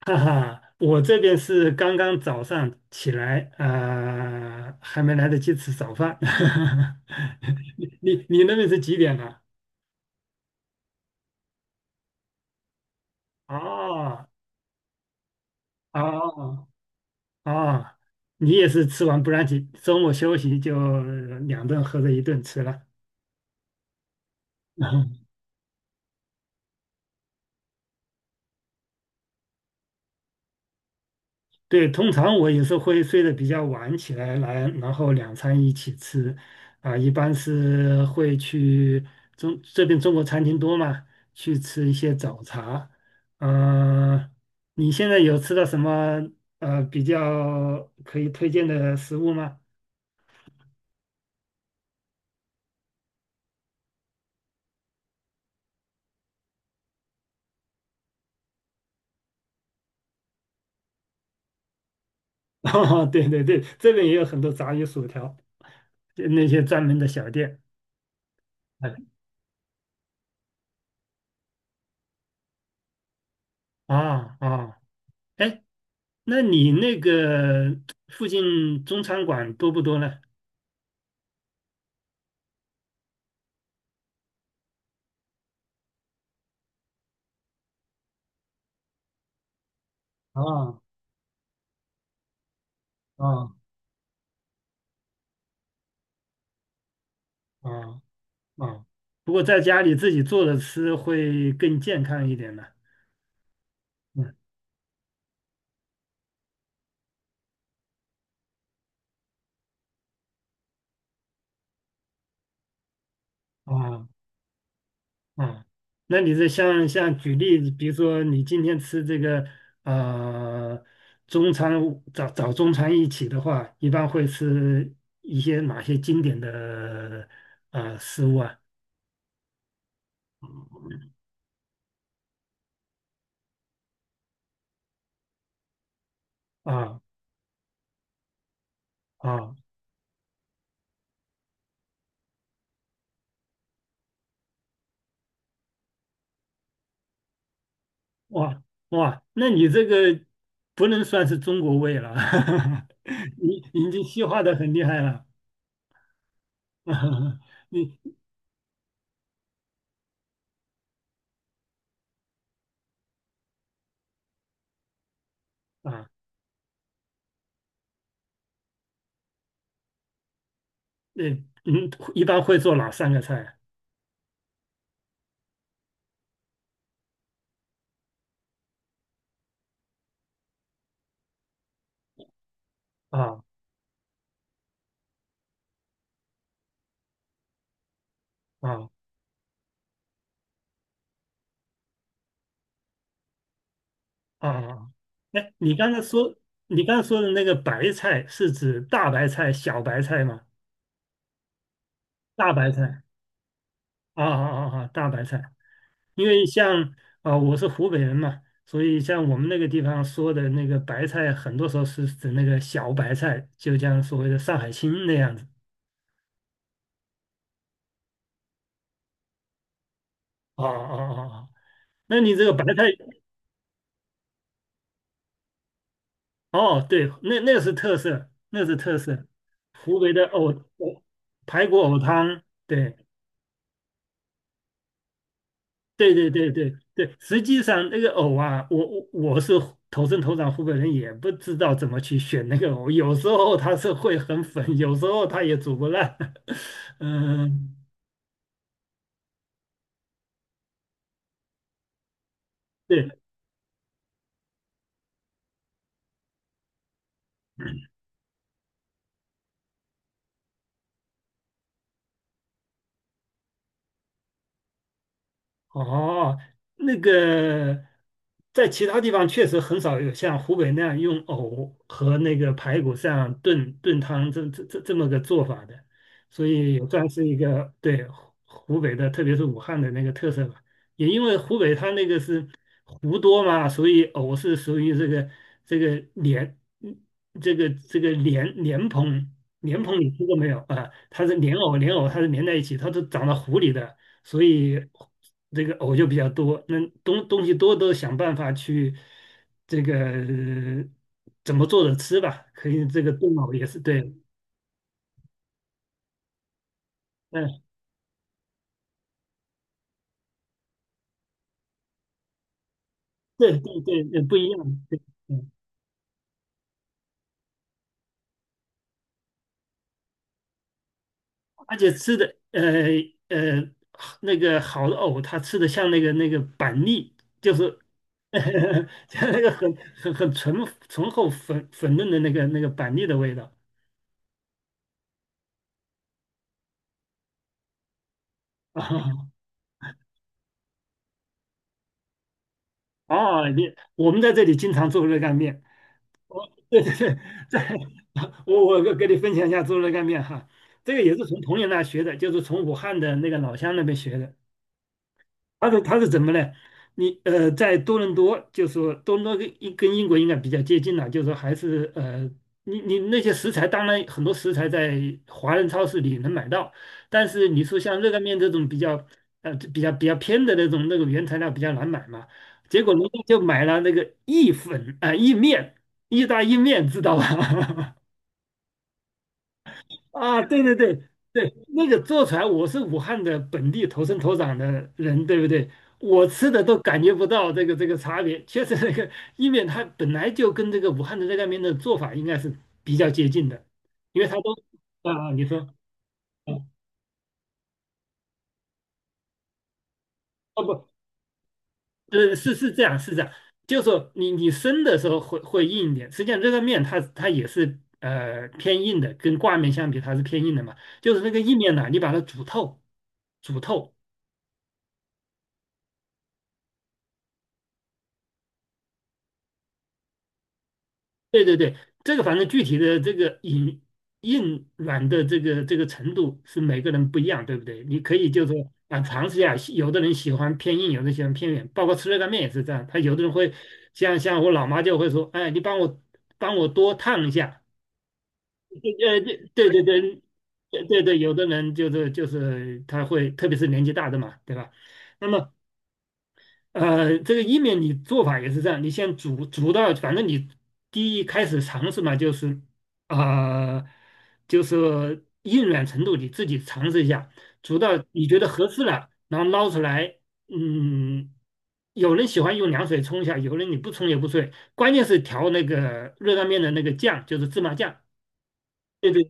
哈哈，我这边是刚刚早上起来，还没来得及吃早饭。你那边是几点了？哦哦哦，你也是吃完不让起，周末休息就两顿合着一顿吃了。对，通常我也是会睡得比较晚起来，然后两餐一起吃，啊，一般是会去这边中国餐厅多嘛，去吃一些早茶。呃，你现在有吃到什么比较可以推荐的食物吗？哦，对对对，这边也有很多炸鱼薯条，就那些专门的小店。哎啊啊，哎，那你那个附近中餐馆多不多呢？啊啊啊啊！不过在家里自己做着吃会更健康一点的。嗯啊啊，那你这像举例子，比如说你今天吃这个呃中餐早中餐一起的话，一般会吃一些哪些经典的食物啊？啊啊哇哇，那你这个不能算是中国味了。你已经西化的很厉害了。 你啊，那嗯，一般会做哪三个菜啊？啊啊啊！哎，你刚才说的那个白菜是指大白菜、小白菜吗？大白菜啊啊啊啊！大白菜，因为像啊，我是湖北人嘛，所以像我们那个地方说的那个白菜，很多时候是指那个小白菜，就像所谓的上海青那样子。啊啊啊啊！那你这个白菜？哦，对，那个是特色，那是特色，湖北的藕排骨藕汤。对对对对对对，实际上那个藕啊，我是土生土长湖北人，也不知道怎么去选那个藕，有时候它是会很粉，有时候它也煮不烂。嗯，对，哦，那个在其他地方确实很少有像湖北那样用藕和那个排骨这样炖汤这么个做法的，所以也算是一个对湖北的，特别是武汉的那个特色吧。也因为湖北它那个是湖多嘛，所以藕是属于这个莲，嗯这个莲蓬你吃过没有啊？它是莲藕它是连在一起，它都长到湖里的。所以这个藕就比较多，那东西多都想办法去这个怎么做着吃吧，可以这个炖藕也是对。嗯、对对对，不一样，对。嗯，而且吃的呃那个好的藕，它吃的像那个那个板栗，就是 像那个很醇厚粉嫩的那个板栗的味道啊。哦，我们在这里经常做热干面。对对对，在 我跟你分享一下猪肉干面哈，这个也是从朋友那学的，就是从武汉的那个老乡那边学的。他是怎么呢？你在多伦多，就说多伦多跟英国应该比较接近了，就是说还是你那些食材，当然很多食材在华人超市里能买到，但是你说像热干面这种比较比较偏的那种那个原材料比较难买嘛，结果人家就买了那个意粉啊、意面，意面，知道吧？啊，对对对对，那个做出来，我是武汉的本地土生土长的人，对不对？我吃的都感觉不到这个差别，确实那个意面它本来就跟这个武汉的热干面的做法应该是比较接近的，因为它都啊，啊你说啊，哦不，是这样是这样，就是说你生的时候会硬一点，实际上热干面它也是偏硬的，跟挂面相比它是偏硬的嘛，就是那个意面呢，你把它煮透。煮透，对对对，这个反正具体的这个硬软的这个程度是每个人不一样，对不对？你可以就是说啊，尝试一下，有的人喜欢偏硬，有的人喜欢偏软，包括吃热干面也是这样。他有的人会像我老妈就会说，哎，你帮我多烫一下。对对对对对对，有的人就是他会，特别是年纪大的嘛，对吧？那么这个意面你做法也是这样，你先煮到，反正你第一开始尝试嘛，就是呃，就是硬软程度你自己尝试一下，煮到你觉得合适了，然后捞出来。嗯，有人喜欢用凉水冲一下，有人你不冲也不对，关键是调那个热干面的那个酱，就是芝麻酱。对对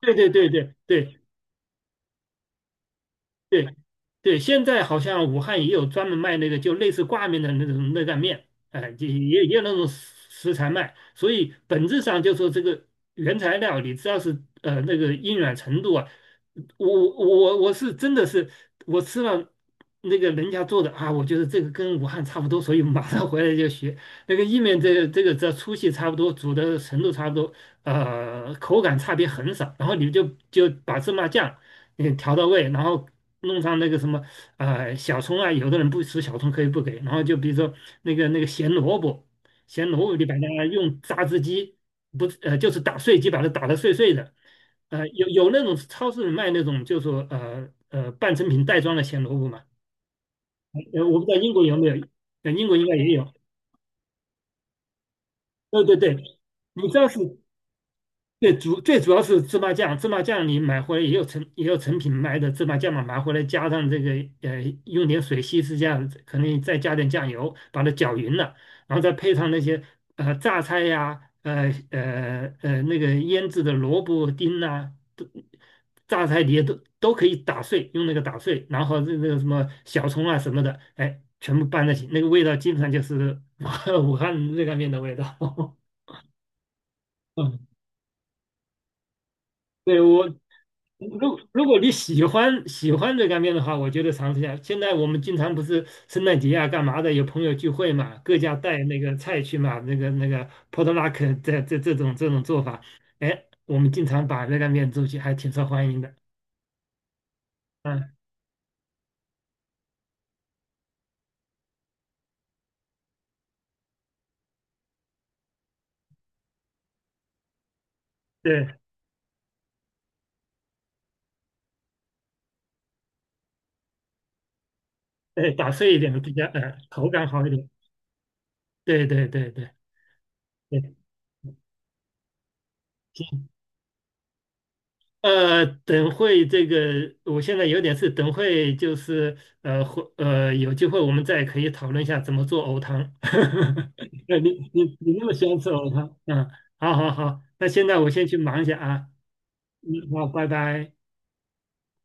对对对对对，对对，现在好像武汉也有专门卖那个就类似挂面的那种热干面，哎，就也也有那种食材卖，所以本质上就说这个原材料，你只要是那个硬软程度啊，我我是真的是我吃了那个人家做的啊，我觉得这个跟武汉差不多，所以马上回来就学那个意面，这个只要粗细差不多，煮的程度差不多，口感差别很少，然后你就就把芝麻酱。嗯，调到位，然后弄上那个什么啊、小葱啊，有的人不吃小葱可以不给，然后就比如说那个咸萝卜，咸萝卜你把它用榨汁机不是就是打碎机把它打得碎碎的，有有那种超市里卖那种就说半成品袋装的咸萝卜嘛。我不知道英国有没有，英国应该也有，对对对，你知道是最主要是芝麻酱。芝麻酱你买回来也也有成品卖的芝麻酱嘛，买回来加上这个用点水稀释下，可能再加点酱油，把它搅匀了，然后再配上那些榨菜呀、那个腌制的萝卜丁呐、都榨菜碟都可以打碎，用那个打碎，然后那个什么小葱啊什么的，哎，全部拌在一起，那个味道基本上就是 武汉热干面的味道。嗯，对，如果你喜欢热干面的话，我觉得尝试一下。现在我们经常不是圣诞节啊，干嘛的，有朋友聚会嘛，各家带那个菜去嘛，那个 Potluc 这种这种做法，哎，我们经常把热干面做起，还挺受欢迎的。嗯，对。对，打碎一点的比较，口感好一点。对对对对对。等会这个，我现在有点事，等会就是有机会我们再可以讨论一下怎么做藕汤。你那么喜欢吃藕汤。嗯，好好好，那现在我先去忙一下啊。嗯，好，拜拜。